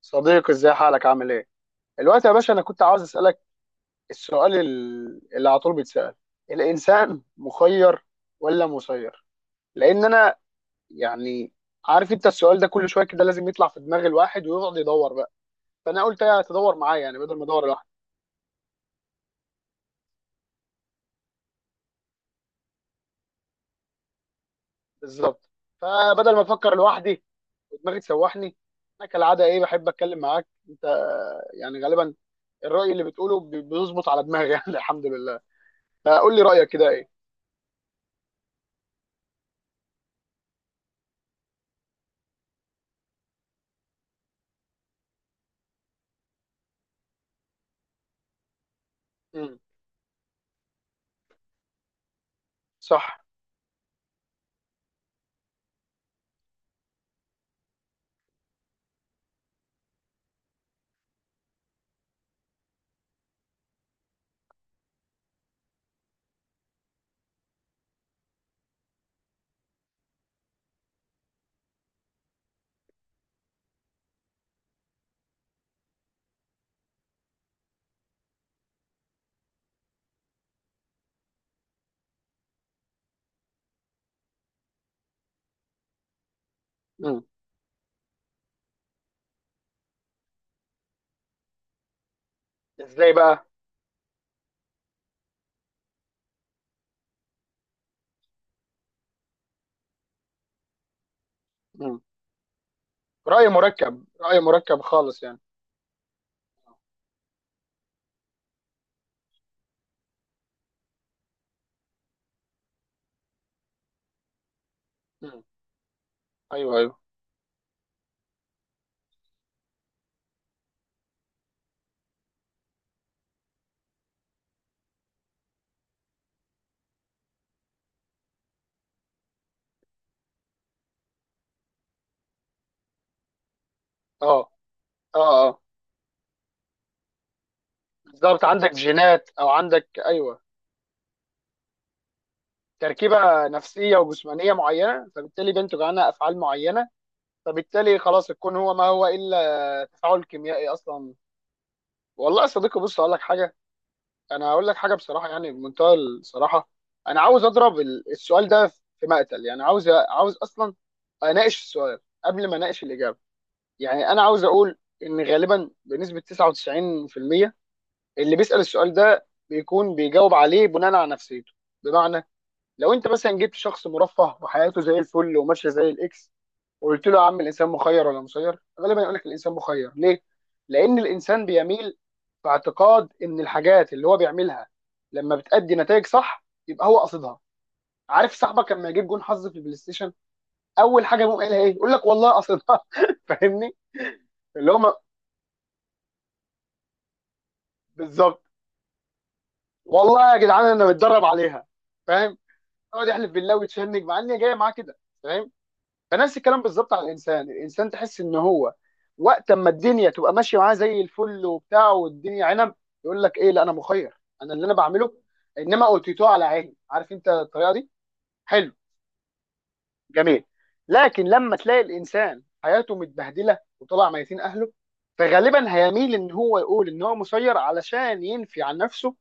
صديقي ازاي حالك، عامل ايه؟ الوقت يا باشا انا كنت عاوز اسالك السؤال اللي على طول بيتسال: الانسان مخير ولا مسير؟ لان انا يعني عارف انت، السؤال ده كل شويه كده لازم يطلع في دماغ الواحد، ويقعد يدور بقى. فانا قلت ايه، تدور معايا يعني، بدل ما ادور لوحدي. بالظبط. فبدل ما افكر لوحدي ودماغي تسوحني، انا كالعاده ايه، بحب اتكلم معاك انت. يعني غالبا الراي اللي بتقوله بيظبط على دماغي يعني الحمد لله. فقول لي رايك كده، ايه؟ امم. صح. ازاي بقى؟ مم. رأي مركب، رأي مركب خالص يعني. مم. ايوه، ايوه. اه، اه، اه. بالظبط، عندك جينات او عندك ايوه تركيبة نفسية وجسمانية معينة، فبالتالي بينتج عنها افعال معينة. فبالتالي خلاص، الكون هو ما هو الا تفاعل كيميائي اصلا. والله يا صديقي، بص اقول لك حاجة، انا هقول لك حاجة بصراحة، يعني بمنتهى الصراحة. انا عاوز اضرب السؤال ده في مقتل، يعني عاوز، اصلا اناقش السؤال قبل ما اناقش الإجابة. يعني انا عاوز اقول ان غالبا بنسبه 99% اللي بيسال السؤال ده بيكون بيجاوب عليه بناء على نفسيته. بمعنى، لو انت مثلا جبت شخص مرفه وحياته زي الفل وماشيه زي الاكس، وقلت له يا عم الانسان مخير ولا مسير، غالبا يقول لك الانسان مخير. ليه؟ لان الانسان بيميل في اعتقاد ان الحاجات اللي هو بيعملها لما بتأدي نتائج صح يبقى هو قصدها. عارف صاحبك لما يجيب جون حظ في البلاي ستيشن، اول حاجه يقوم قايلها ايه؟ يقول لك والله قصدها فاهمني؟ اللي هو ما- بالظبط. والله يا جدعان انا متدرب عليها، فاهم؟ يقعد يحلف بالله ويتشنج مع ان هي جايه معاه كده، فاهم؟ فنفس الكلام بالظبط على الانسان. الانسان تحس ان هو وقت اما الدنيا تبقى ماشيه معاه زي الفل وبتاع والدنيا عنب، يقول لك ايه، لا انا مخير، انا اللي انا بعمله. انما اوتيتوه على عيني، عارف انت الطريقه دي. حلو. جميل. لكن لما تلاقي الانسان حياته متبهدله وطلع ميتين اهله، فغالبا هيميل ان هو يقول ان هو مسير علشان ينفي عن نفسه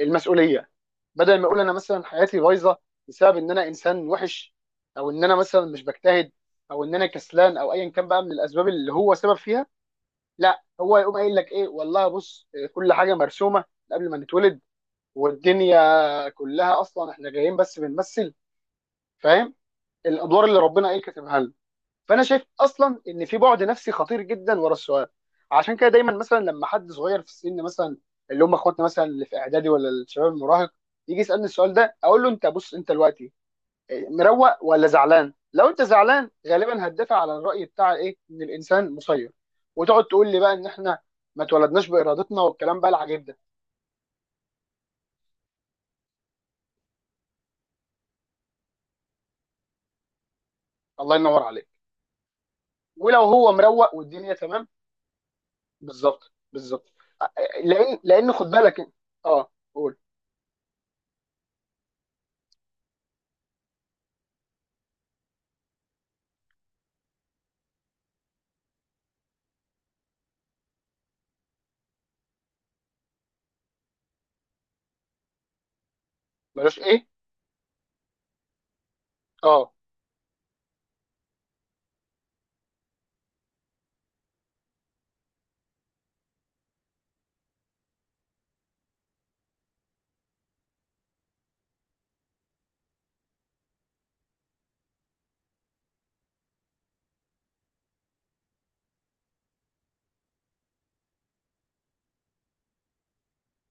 المسؤوليه. بدل ما اقول انا مثلا حياتي بايظه بسبب ان انا انسان وحش، او ان انا مثلا مش بجتهد، او ان انا كسلان، او ايا كان بقى من الاسباب اللي هو سبب فيها، لا، هو يقوم قايل لك ايه، والله بص كل حاجه مرسومه قبل ما نتولد، والدنيا كلها اصلا احنا جايين بس بنمثل، فاهم، الادوار اللي ربنا ايه كاتبها لنا. فانا شايف اصلا ان في بعد نفسي خطير جدا ورا السؤال. عشان كده دايما مثلا لما حد صغير في السن، مثلا اللي هم اخواتنا مثلا اللي في اعدادي ولا الشباب المراهق، يجي يسالني السؤال ده، اقول له انت بص انت دلوقتي مروق ولا زعلان؟ لو انت زعلان غالبا هتدافع على الراي بتاع ايه، ان الانسان مسير، وتقعد تقول لي بقى ان احنا ما اتولدناش بارادتنا والكلام بقى العجيب ده. الله ينور عليك. ولو هو مروق والدنيا تمام، بالظبط، بالظبط. لان لان خد بالك، اه قول. بلاش ايه. اه.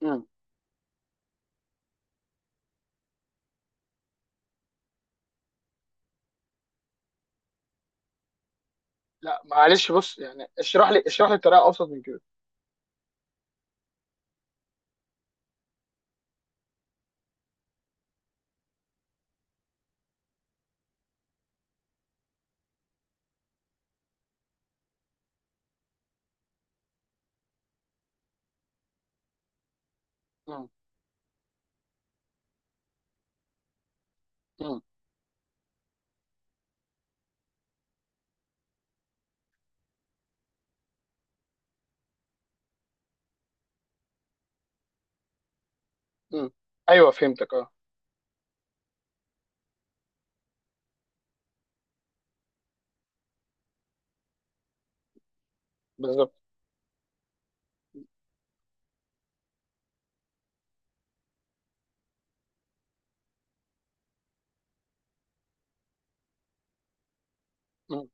امم. لا معلش، بص يعني اشرح لي، اشرح لي بطريقه ابسط من كده. امم. امم. امم. ايوه فهمتك، اه. بالظبط. امم.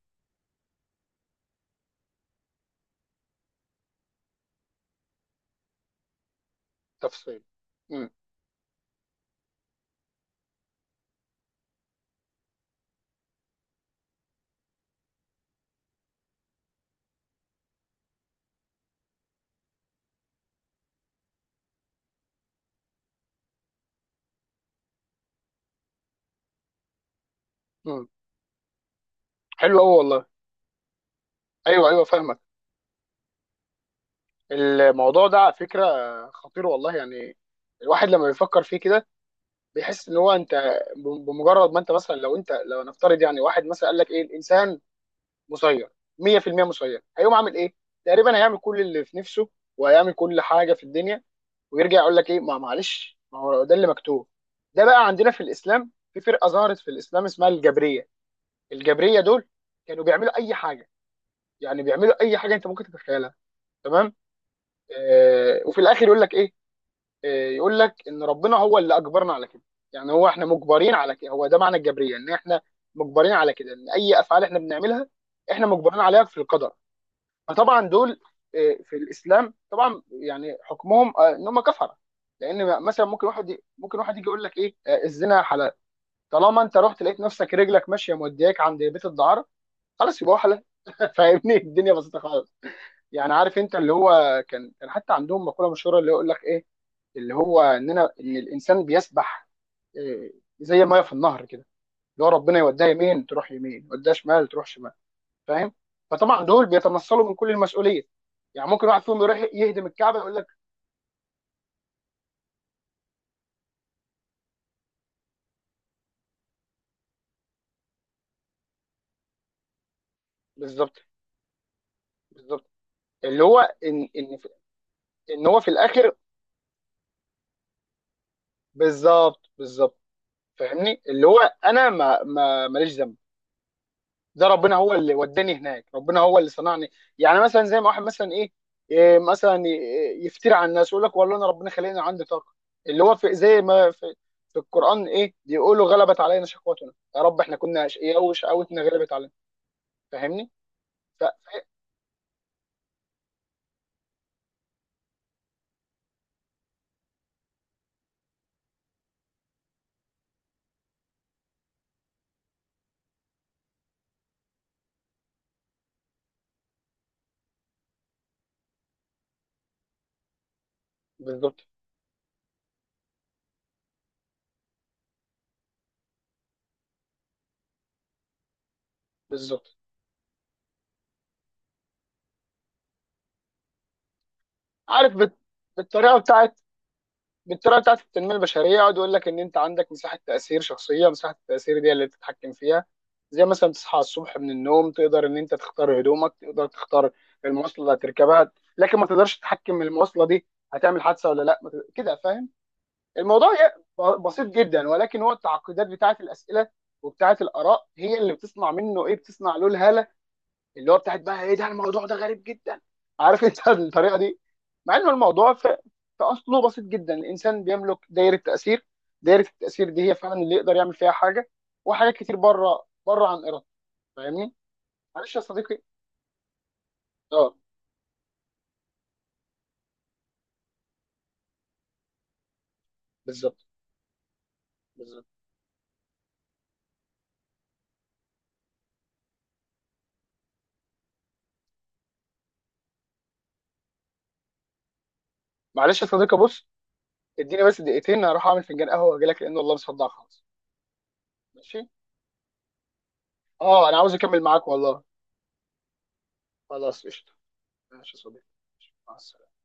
تفصيل. امم. امم. حلو قوي والله. ايوه، ايوه فاهمك. الموضوع ده على فكرة خطير والله، يعني الواحد لما بيفكر فيه كده بيحس ان هو انت، بمجرد ما انت مثلا، لو انت، لو نفترض يعني واحد مثلا قال لك ايه، الانسان مسير 100% مسير، هيقوم عامل ايه؟ تقريبا هيعمل كل اللي في نفسه، وهيعمل كل حاجة في الدنيا، ويرجع يقول لك ايه، ما معلش، ما هو ده اللي مكتوب. ده بقى عندنا في الاسلام، في فرقة ظهرت في الاسلام اسمها الجبرية. الجبرية دول كانوا بيعملوا اي حاجة، يعني بيعملوا اي حاجة انت ممكن تتخيلها، تمام؟ آه، وفي الاخر يقول لك ايه؟ يقول لك ان ربنا هو اللي اجبرنا على كده. يعني هو احنا مجبرين على كده، هو ده معنى الجبريه، ان احنا مجبرين على كده، ان اي افعال احنا بنعملها احنا مجبرين عليها في القدر. فطبعا دول في الاسلام طبعا يعني حكمهم ان هم كفره. لان مثلا ممكن واحد، ممكن واحد يجي يقول لك ايه، الزنا حلال، طالما انت رحت لقيت نفسك رجلك ماشيه مودياك عند بيت الدعاره، خلاص يبقى هو حلال فاهمني؟ الدنيا بسيطه خالص، يعني. عارف انت اللي هو، كان حتى عندهم مقوله مشهوره، اللي يقول لك ايه، اللي هو اننا، ان الانسان بيسبح آه، زي ميه في النهر كده، اللي هو ربنا يوديها يمين تروح يمين، يوديها شمال تروح شمال، فاهم؟ فطبعا دول بيتنصلوا من كل المسؤوليه. يعني ممكن واحد فيهم يروح يهدم الكعبه يقول لك، بالظبط، بالظبط. اللي هو ان ان هو في الاخر، بالظبط، بالظبط، فاهمني؟ اللي هو انا ما ماليش ذنب، ده ربنا هو اللي وداني هناك، ربنا هو اللي صنعني. يعني مثلا زي ما واحد مثلا ايه، مثلا يفتري على الناس يقول لك، والله انا ربنا خلاني عندي طاقه اللي هو، زي ما في القران ايه بيقولوا، غلبت علينا شقوتنا يا رب، احنا كنا اشقياء وشقوتنا غلبت علينا، فاهمني؟ ف... ف- بالظبط، بالظبط. عارف بت... بالطريقه بتاعت، بالطريقه بتاعت التنميه البشريه، يقعد يقول لك ان انت عندك مساحه تاثير شخصيه، مساحه التاثير دي اللي تتحكم فيها. زي مثلا تصحى الصبح من النوم، تقدر ان انت تختار هدومك، تقدر تختار المواصله اللي هتركبها، لكن ما تقدرش تتحكم من المواصله دي هتعمل حادثه ولا لا، ما تقدر- كده فاهم؟ الموضوع بسيط جدا، ولكن هو التعقيدات بتاعت الاسئله وبتاعت الاراء هي اللي بتصنع منه ايه، بتصنع له الهاله اللي هو بتاعت بقى ايه، ده الموضوع ده غريب جدا، عارف انت الطريقه دي؟ مع ان الموضوع في اصله بسيط جدا. الانسان بيملك دايره تاثير، دايره التاثير دي هي فعلا اللي يقدر يعمل فيها حاجه، وحاجات كتير بره عن ارادته، فاهمني؟ معلش يا صديقي. اه. بالظبط، بالظبط. معلش يا صديقي، بص اديني بس 2 دقيقتين اروح اعمل فنجان قهوه واجي لك، لان والله مصدع خالص. ماشي. اه انا عاوز اكمل معاك والله. خلاص قشطه. ماشي يا صديقي، مع السلامه.